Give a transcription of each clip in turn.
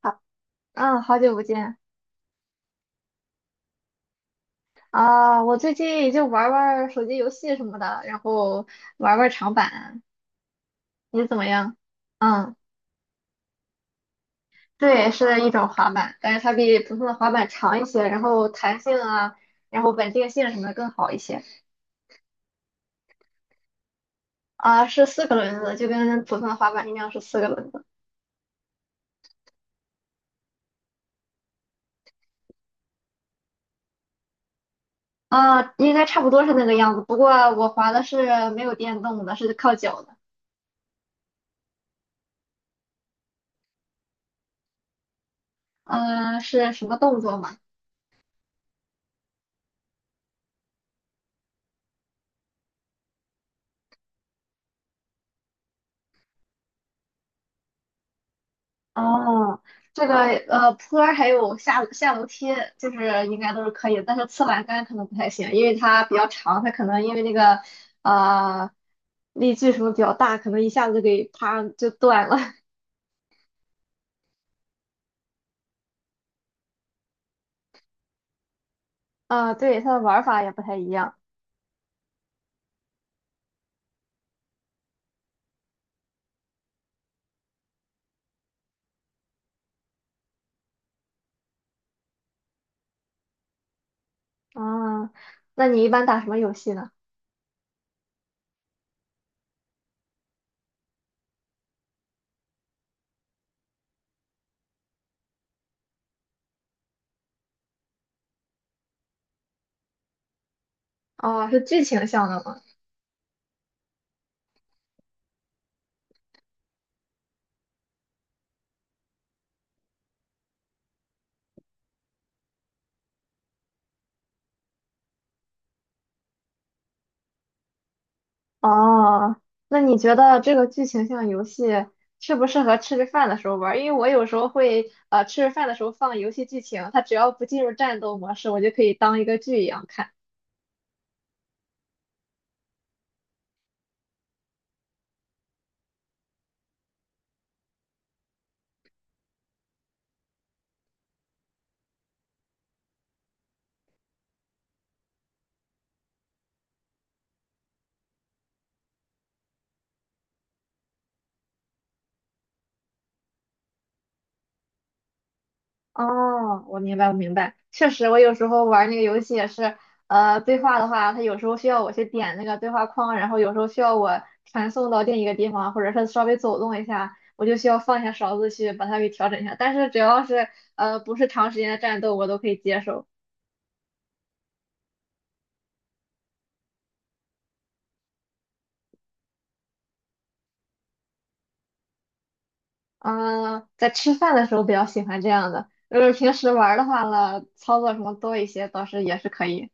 好，嗯，好久不见啊！我最近也就玩儿玩儿手机游戏什么的，然后玩儿玩儿长板，你怎么样？嗯，对，是一种滑板，但是它比普通的滑板长一些，然后弹性啊，然后稳定性什么的更好一些啊。是四个轮子，就跟普通的滑板一样是四个轮子啊，应该差不多是那个样子。不过我滑的是没有电动的，是靠脚的。嗯、是什么动作吗？哦，这个坡儿还有下楼梯，就是应该都是可以的但是侧栏杆可能不太行，因为它比较长，它可能因为那个呃力矩什么比较大，可能一下子给啪就断了。啊、对，它的玩儿法也不太一样。啊、那你一般打什么游戏呢？哦，是剧情向的吗？哦，那你觉得这个剧情像游戏适不适合吃着饭的时候玩儿？因为我有时候会吃着饭的时候放游戏剧情，它只要不进入战斗模式，我就可以当一个剧一样看。哦，我明白，我明白，确实，我有时候玩那个游戏也是，对话的话，它有时候需要我去点那个对话框，然后有时候需要我传送到另一个地方，或者是稍微走动一下，我就需要放下勺子去把它给调整一下。但是只要是不是长时间的战斗，我都可以接受。嗯，在吃饭的时候比较喜欢这样的。如果平时玩儿的话呢，操作什么多一些，倒是也是可以。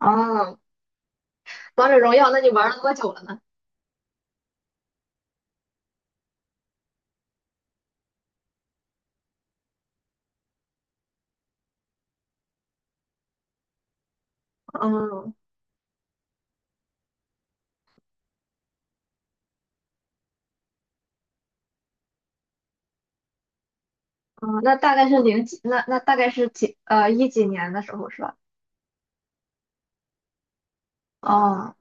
哦，王者荣耀，那你玩了多久了呢？嗯嗯，那大概是零几，那大概是几一几年的时候是吧？哦，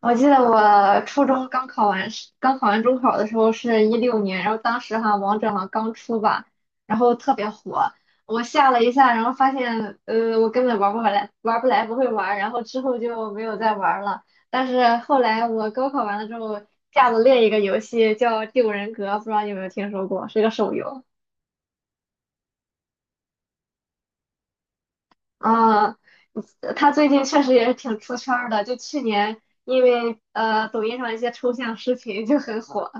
我记得我初中刚考完试，刚考完中考的时候是16年，然后当时哈王者好像刚出吧，然后特别火，我下了一下，然后发现我根本玩不回来，玩不来不会玩，然后之后就没有再玩了。但是后来我高考完了之后下了另一个游戏叫《第五人格》，不知道你有没有听说过，是一个手游啊。他最近确实也是挺出圈儿的，就去年因为抖音上一些抽象视频就很火。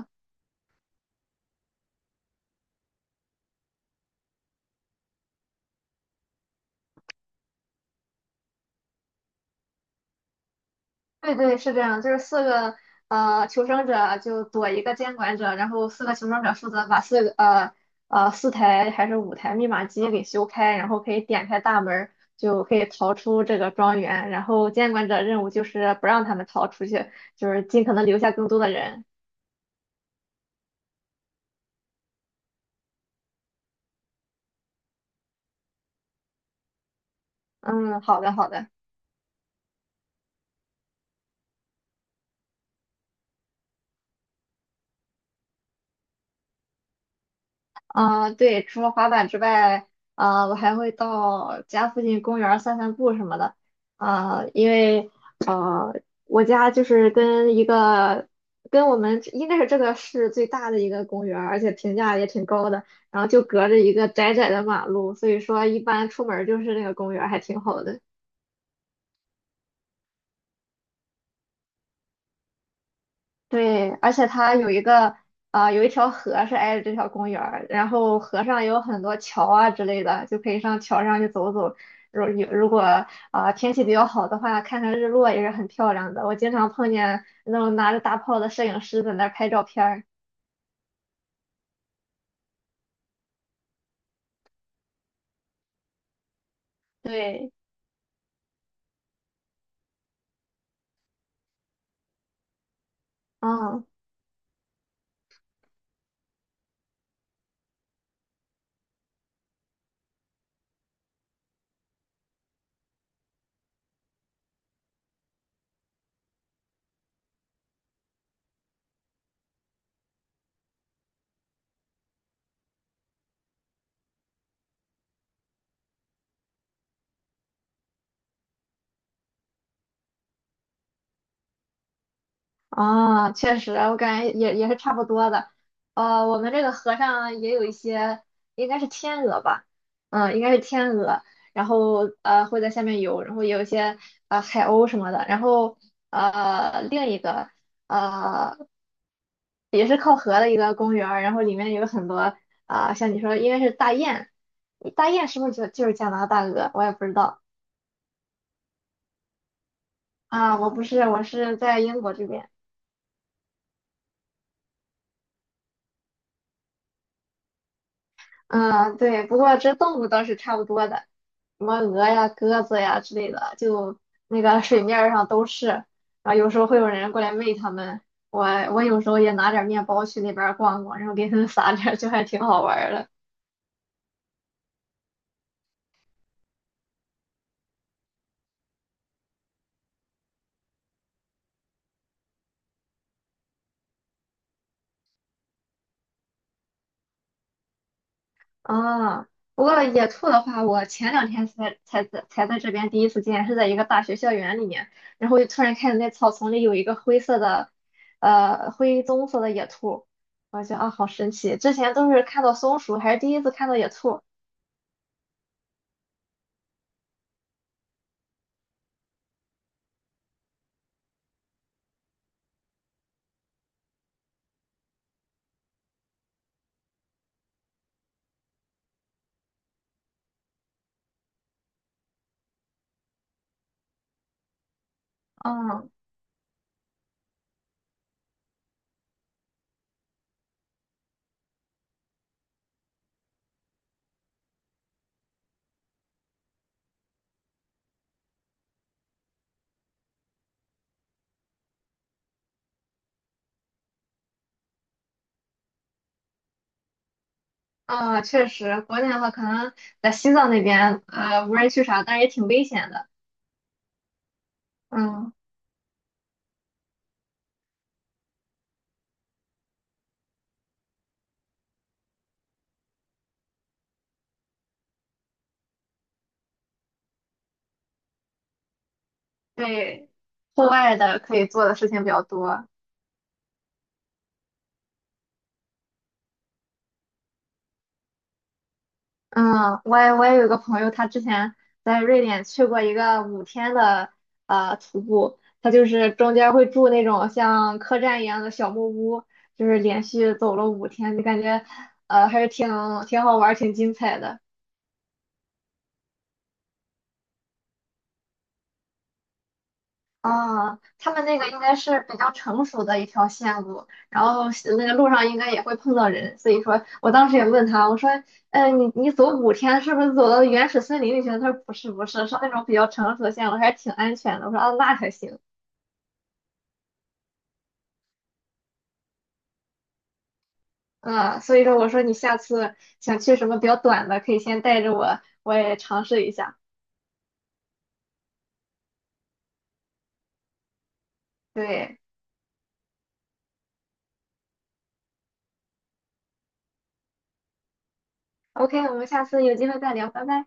对对，是这样，就是四个求生者就躲一个监管者，然后四个求生者负责把4台还是5台密码机给修开，然后可以点开大门儿，就可以逃出这个庄园。然后监管者任务就是不让他们逃出去，就是尽可能留下更多的人。嗯，好的好的。啊、对，除了滑板之外，啊、我还会到家附近公园儿散散步什么的。啊、因为啊，我家就是跟一个跟我们应该是这个市最大的一个公园儿，而且评价也挺高的。然后就隔着一个窄窄的马路，所以说一般出门儿就是那个公园儿，还挺好的。对，而且它有一条河是挨着这条公园儿，然后河上有很多桥啊之类的，就可以上桥上去走走。如果天气比较好的话，看看日落也是很漂亮的。我经常碰见那种拿着大炮的摄影师在那儿拍照片儿。对，嗯。啊，确实，我感觉也是差不多的。我们这个河上也有一些，应该是天鹅吧，嗯，应该是天鹅，然后会在下面游，然后也有一些海鸥什么的，然后另一个呃也是靠河的一个公园儿，然后里面有很多像你说应该是大雁，大雁是不是就是加拿大鹅？我也不知道。啊，我不是，我是在英国这边。嗯，对，不过这动物倒是差不多的，什么鹅呀、鸽子呀之类的，就那个水面儿上都是。然后有时候会有人过来喂它们，我我有时候也拿点儿面包去那边儿逛逛，然后给它们撒点儿，就还挺好玩儿的。啊，不过野兔的话，我前2天才在这边第一次见，是在一个大学校园里面，然后就突然看见那草丛里有一个灰色的，灰棕色的野兔，我觉得啊，好神奇！之前都是看到松鼠，还是第一次看到野兔。嗯。啊，确实，国内的话可能在西藏那边，无人区啥，但是也挺危险的。嗯，对，户外的可以做的事情比较多。嗯，我也有一个朋友，他之前在瑞典去过一个五天的徒步，他就是中间会住那种像客栈一样的小木屋，就是连续走了五天，就感觉还是挺好玩儿，挺精彩的。啊，他们那个应该是比较成熟的一条线路，然后是那个路上应该也会碰到人，所以说我当时也问他，我说，嗯，你走五天是不是走到原始森林里去了？他说不是不是，是那种比较成熟的线路，还挺安全的。我说啊，那还行。嗯，所以说我说你下次想去什么比较短的，可以先带着我，我也尝试一下。对，OK，我们下次有机会再聊，拜拜。